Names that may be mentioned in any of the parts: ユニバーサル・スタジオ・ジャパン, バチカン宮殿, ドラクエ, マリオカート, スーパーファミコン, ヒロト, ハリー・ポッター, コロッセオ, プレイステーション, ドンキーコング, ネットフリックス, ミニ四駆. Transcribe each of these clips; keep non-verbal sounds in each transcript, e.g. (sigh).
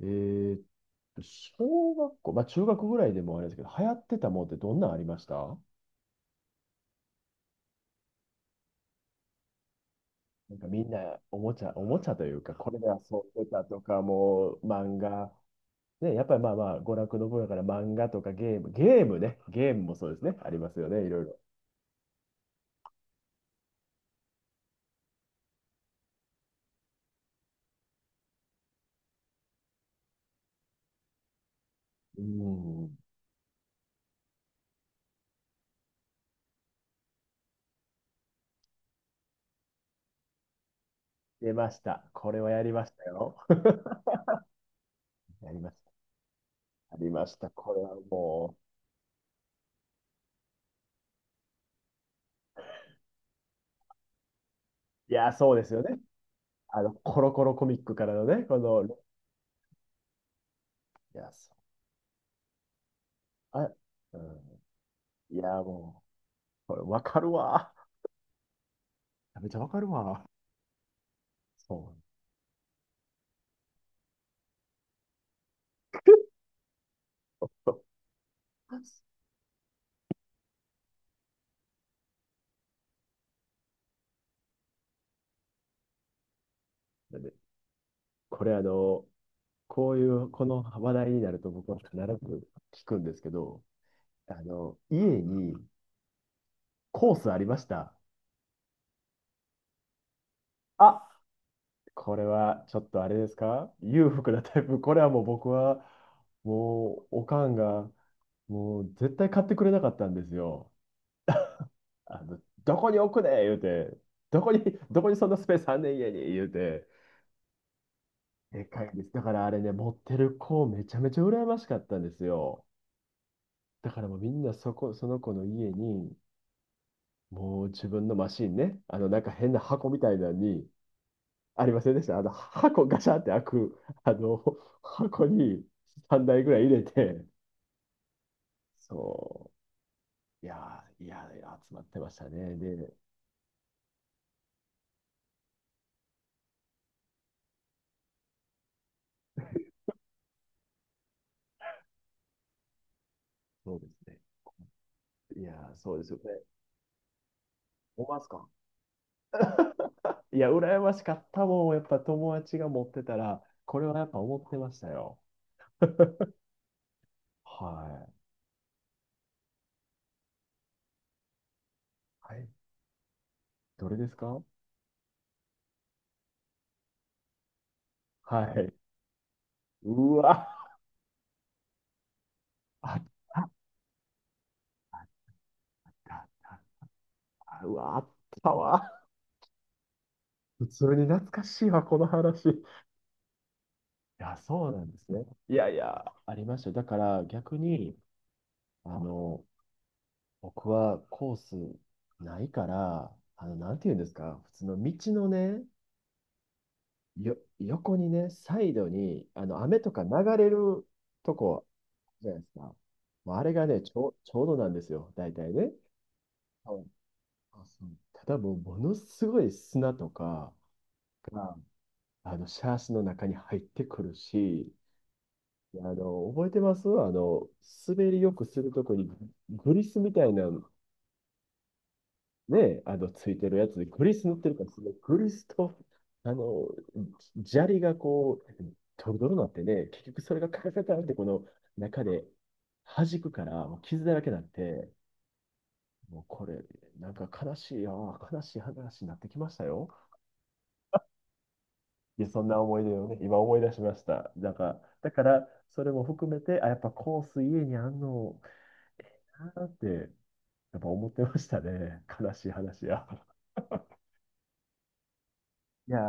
えーっ小学校、まあ中学ぐらいでもあれですけど、流行ってたもんってどんなんありました？なんかみんなおもちゃ、おもちゃというか、これで遊んでたとか、もう漫画、ね、やっぱりまあまあ、娯楽の分野から漫画とかゲーム、ゲームね、ゲームもそうですね、ありますよね、いろいろ。うん、出ました。これはやりましたよ。(laughs) やりました。やりました。これはもう、いや、そうですよね。あの、コロコロコミックからのね、この、いや、そうあ、うん、いや、もう、これわかるわ。めっちゃわかるわ。そうなんでこれあの、こういう、この話題になると僕は必ず聞くんですけど、あの、家にコースありました？あ、これはちょっとあれですか？裕福なタイプ。これはもう僕は、もう、おかんが、もう絶対買ってくれなかったんですよ。あの、どこに置くね言うて、どこに、どこにそんなスペースあんねん家に言うて、でかいです。だからあれね、持ってる子めちゃめちゃ羨ましかったんですよ。だからもうみんなそこ、その子の家に、もう自分のマシンね、あのなんか変な箱みたいなのに、ありませんでした？あの箱ガシャって開く、あの箱に3台ぐらい入れて、そう、いやー、いやー、集まってましたね。で、そうですね。いやー、そうですよね。思いますか？いや、羨ましかったもん。やっぱ友達が持ってたら、これはやっぱ思ってましたよ。はい。どれですか？はい。うわ、あったあったあった。あうわ、あったわ。普通に懐かしいわ、この話。いや、そうなんですね。いやいや、ありましたよ。だから逆に、あの、僕はコースないから、あの、なんていうんですか、普通の道のね、横にね、サイドに、あの、雨とか流れるとこじゃないですか。もうあれがね、ちょうどなんですよ、大体ね。そうそう、ただもうものすごい砂とかがあのシャーシの中に入ってくるし、あの覚えてます？あの滑りよくするとこにグリスみたいな、ね、あのついてるやつでグリス塗ってるから、そのグリスとあの砂利がこうドロドロになってね、結局それがカタカタってこの中で弾くから、もう傷だらけになって、もうこれなんか悲しい、ああ悲しい話になってきましたよ。いや、そんな思い出をね、今思い出しました。なんか、だから、それも含めて、あ、やっぱコース家にあんのかなって、やっぱ思ってましたね。悲しい話や。いやー、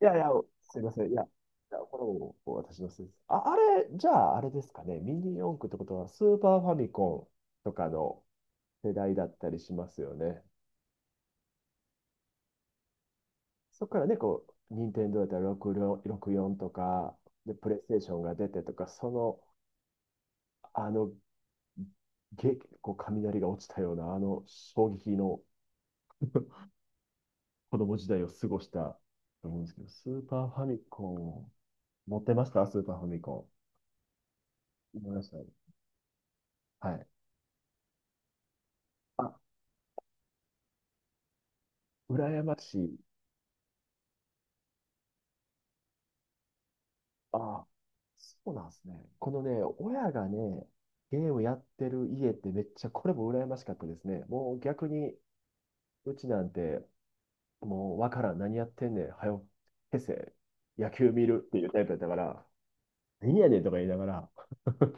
いやいや、すいません。いや、いやこれも私のせいです。あ、あれ、じゃあ、あれですかね。ミニ四駆ってことは、スーパーファミコンとかの世代だったりしますよね。そこからね、こう、任天堂だったら64 64とか、で、プレイステーションが出てとか、その、あのげ、こう雷が落ちたような、あの衝撃の (laughs) 子供時代を過ごしたと思うんですけど、スーパーファミコン、持ってましたスーパーファミコン。思いましたね。はい。あ、羨ましい。あ、そうなんですね。このね、親がね、ゲームやってる家ってめっちゃ、これも羨ましかったですね。もう逆に、うちなんて、もうわからん、何やってんねん、はよ、消せ、野球見るっていうタイプだったから、何やねんとか言いながら、(laughs)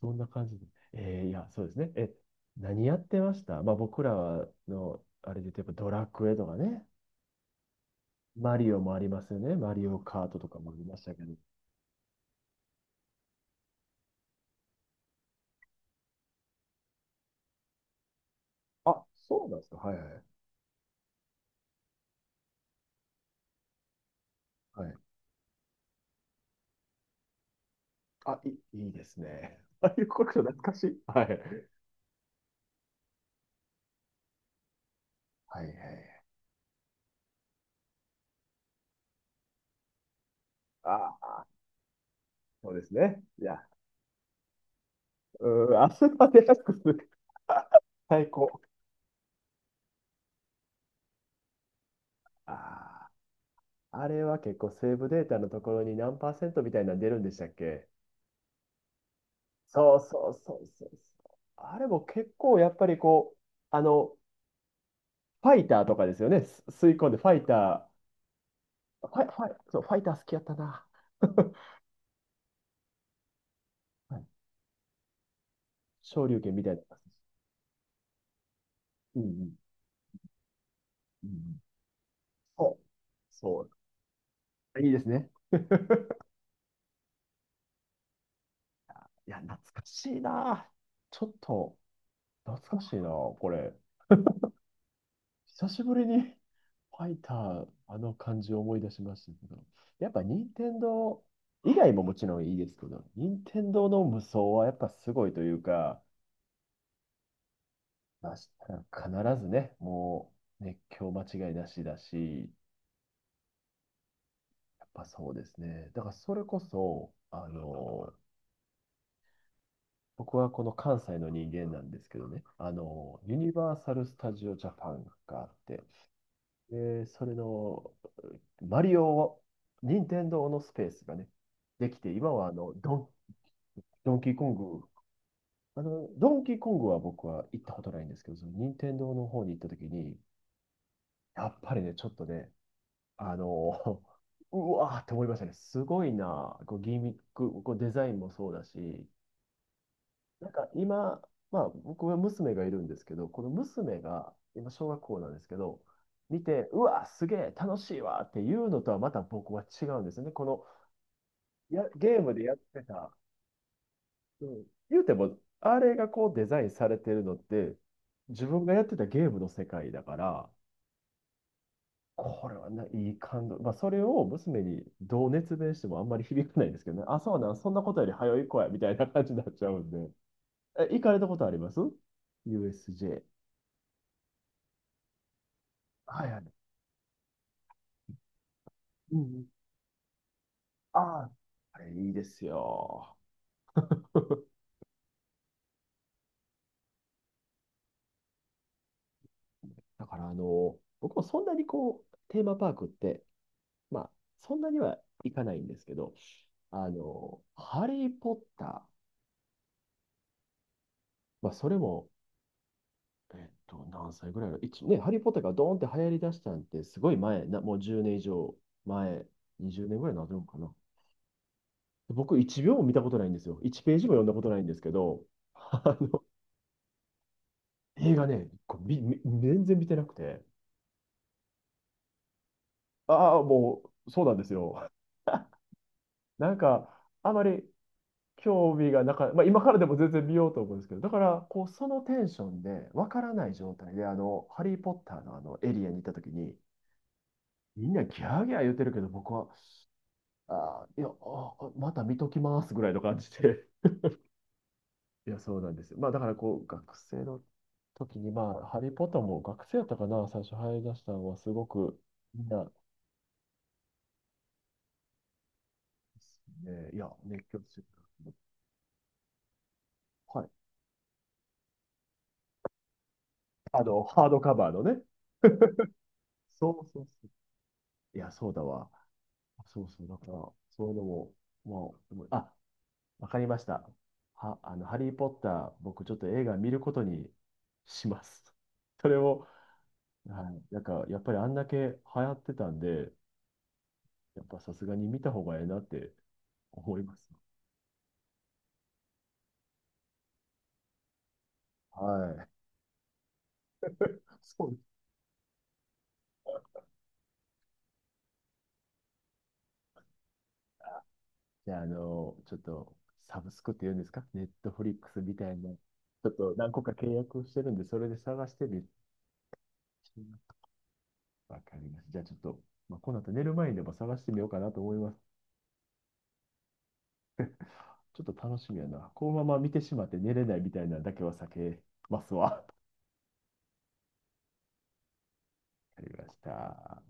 そんな感じで。いや、そうですね。え、何やってました？まあ僕らの、あれで言うと、ドラクエとかね、マリオもありますよね。マリオカートとかもありましたけど。あ、そうなんですか。はいはい。はい。あ、いいですね。ああいうこと懐かしい。はい。はいはい。ああ、そうですね。いや、うん、あそこでックス。(laughs) 最高。ああ、あれは結構セーブデータのところに何パーセントみたいなの出るんでしたっけ？そうそうそうそうそう。あれも結構やっぱりこう、あの、ファイターとかですよね。吸い込んでファイター、ファイ、ファイ、そう、ファイター好きやったな。(laughs) はい昇竜拳みたいな。うんうんうんうん、そうそう。いいですね。いや、懐かしいな。ちょっと、懐かしいな、これ。久しぶりに (laughs) ファイター、あの感じを思い出しましたけど、やっぱ任天堂以外ももちろんいいですけど、任天堂の無双はやっぱすごいというか、まあ、必ずね、もう熱狂間違いなしだし、やっぱそうですね。だからそれこそ、あの、僕はこの関西の人間なんですけどね、あの、ユニバーサル・スタジオ・ジャパンがあって、で、それのマリオを、任天堂のスペースがね、できて、今はあのドンキーコング、あの、ドンキーコングは僕は行ったことないんですけど、その任天堂の方に行った時に、やっぱりね、ちょっとね、あの、(laughs) うわーって思いましたね。すごいな、こうギミック、こうデザインもそうだし、なんか今、まあ僕は娘がいるんですけど、この娘が今小学校なんですけど、見て、うわー、すげえ、楽しいわーっていうのとはまた僕は違うんですよね。このや、ゲームでやってた。うん、言うても、あれがこうデザインされてるのって、自分がやってたゲームの世界だから、これはな、いい感動。まあ、それを娘にどう熱弁してもあんまり響かないんですけどね。あ、そうなん、そんなことより早い子や、みたいな感じになっちゃうんで。え、行かれたことあります？ USJ。はいはい。うんうん。ああ、あれいいですよ。(laughs) だから、あの、僕もそんなにこう、テーマパークってまあ、そんなにはいかないんですけど、あの、ハリー・ポッター、まあ、それも、何歳ぐらいの、一ね、ハリー・ポッターがドーンって流行り出したんって、すごい前な、もう10年以上前、20年ぐらいになるのかな。僕、1秒も見たことないんですよ。1ページも読んだことないんですけど、あの、映画ね、こうみみ全然見てなくて、ああ、もう、そうなんですよ。なんか、あまり興味がなか、まあ、今からでも全然見ようと思うんですけど、だから、こう、そのテンションで、わからない状態で、あの、ハリー・ポッターのあの、エリアに行った時に、みんなギャーギャー言ってるけど、僕は、あー、いや、あー、また見ときますぐらいの感じで。(laughs) いや、そうなんですよ。まあ、だから、こう、学生の時に、まあ、ハリー・ポッターも学生やったかな、最初入り出したのは、すごく、みんな、ね、いや、熱狂してた。はい。あの、ハードカバーのね。(laughs) そうそうそう。いや、そうだわ。そうそう、だから、そういうのも、もう、でもあ、わかりました。あの、ハリー・ポッター、僕ちょっと映画見ることにします。(laughs) それを、はい、なんか、やっぱりあんだけ流行ってたんで、やっぱさすがに見た方がええなって思います。はい。そうですか。じゃあ、あの、ちょっと、サブスクって言うんですか？ネットフリックスみたいな。ちょっと何個か契約をしてるんで、それで探してみる。わかります。じゃあちょっと、まあ、この後寝る前にでも探してみようかなと思います。ちょっと楽しみやな。このまま見てしまって寝れないみたいなのだけは避けますわ。(laughs) わかりました。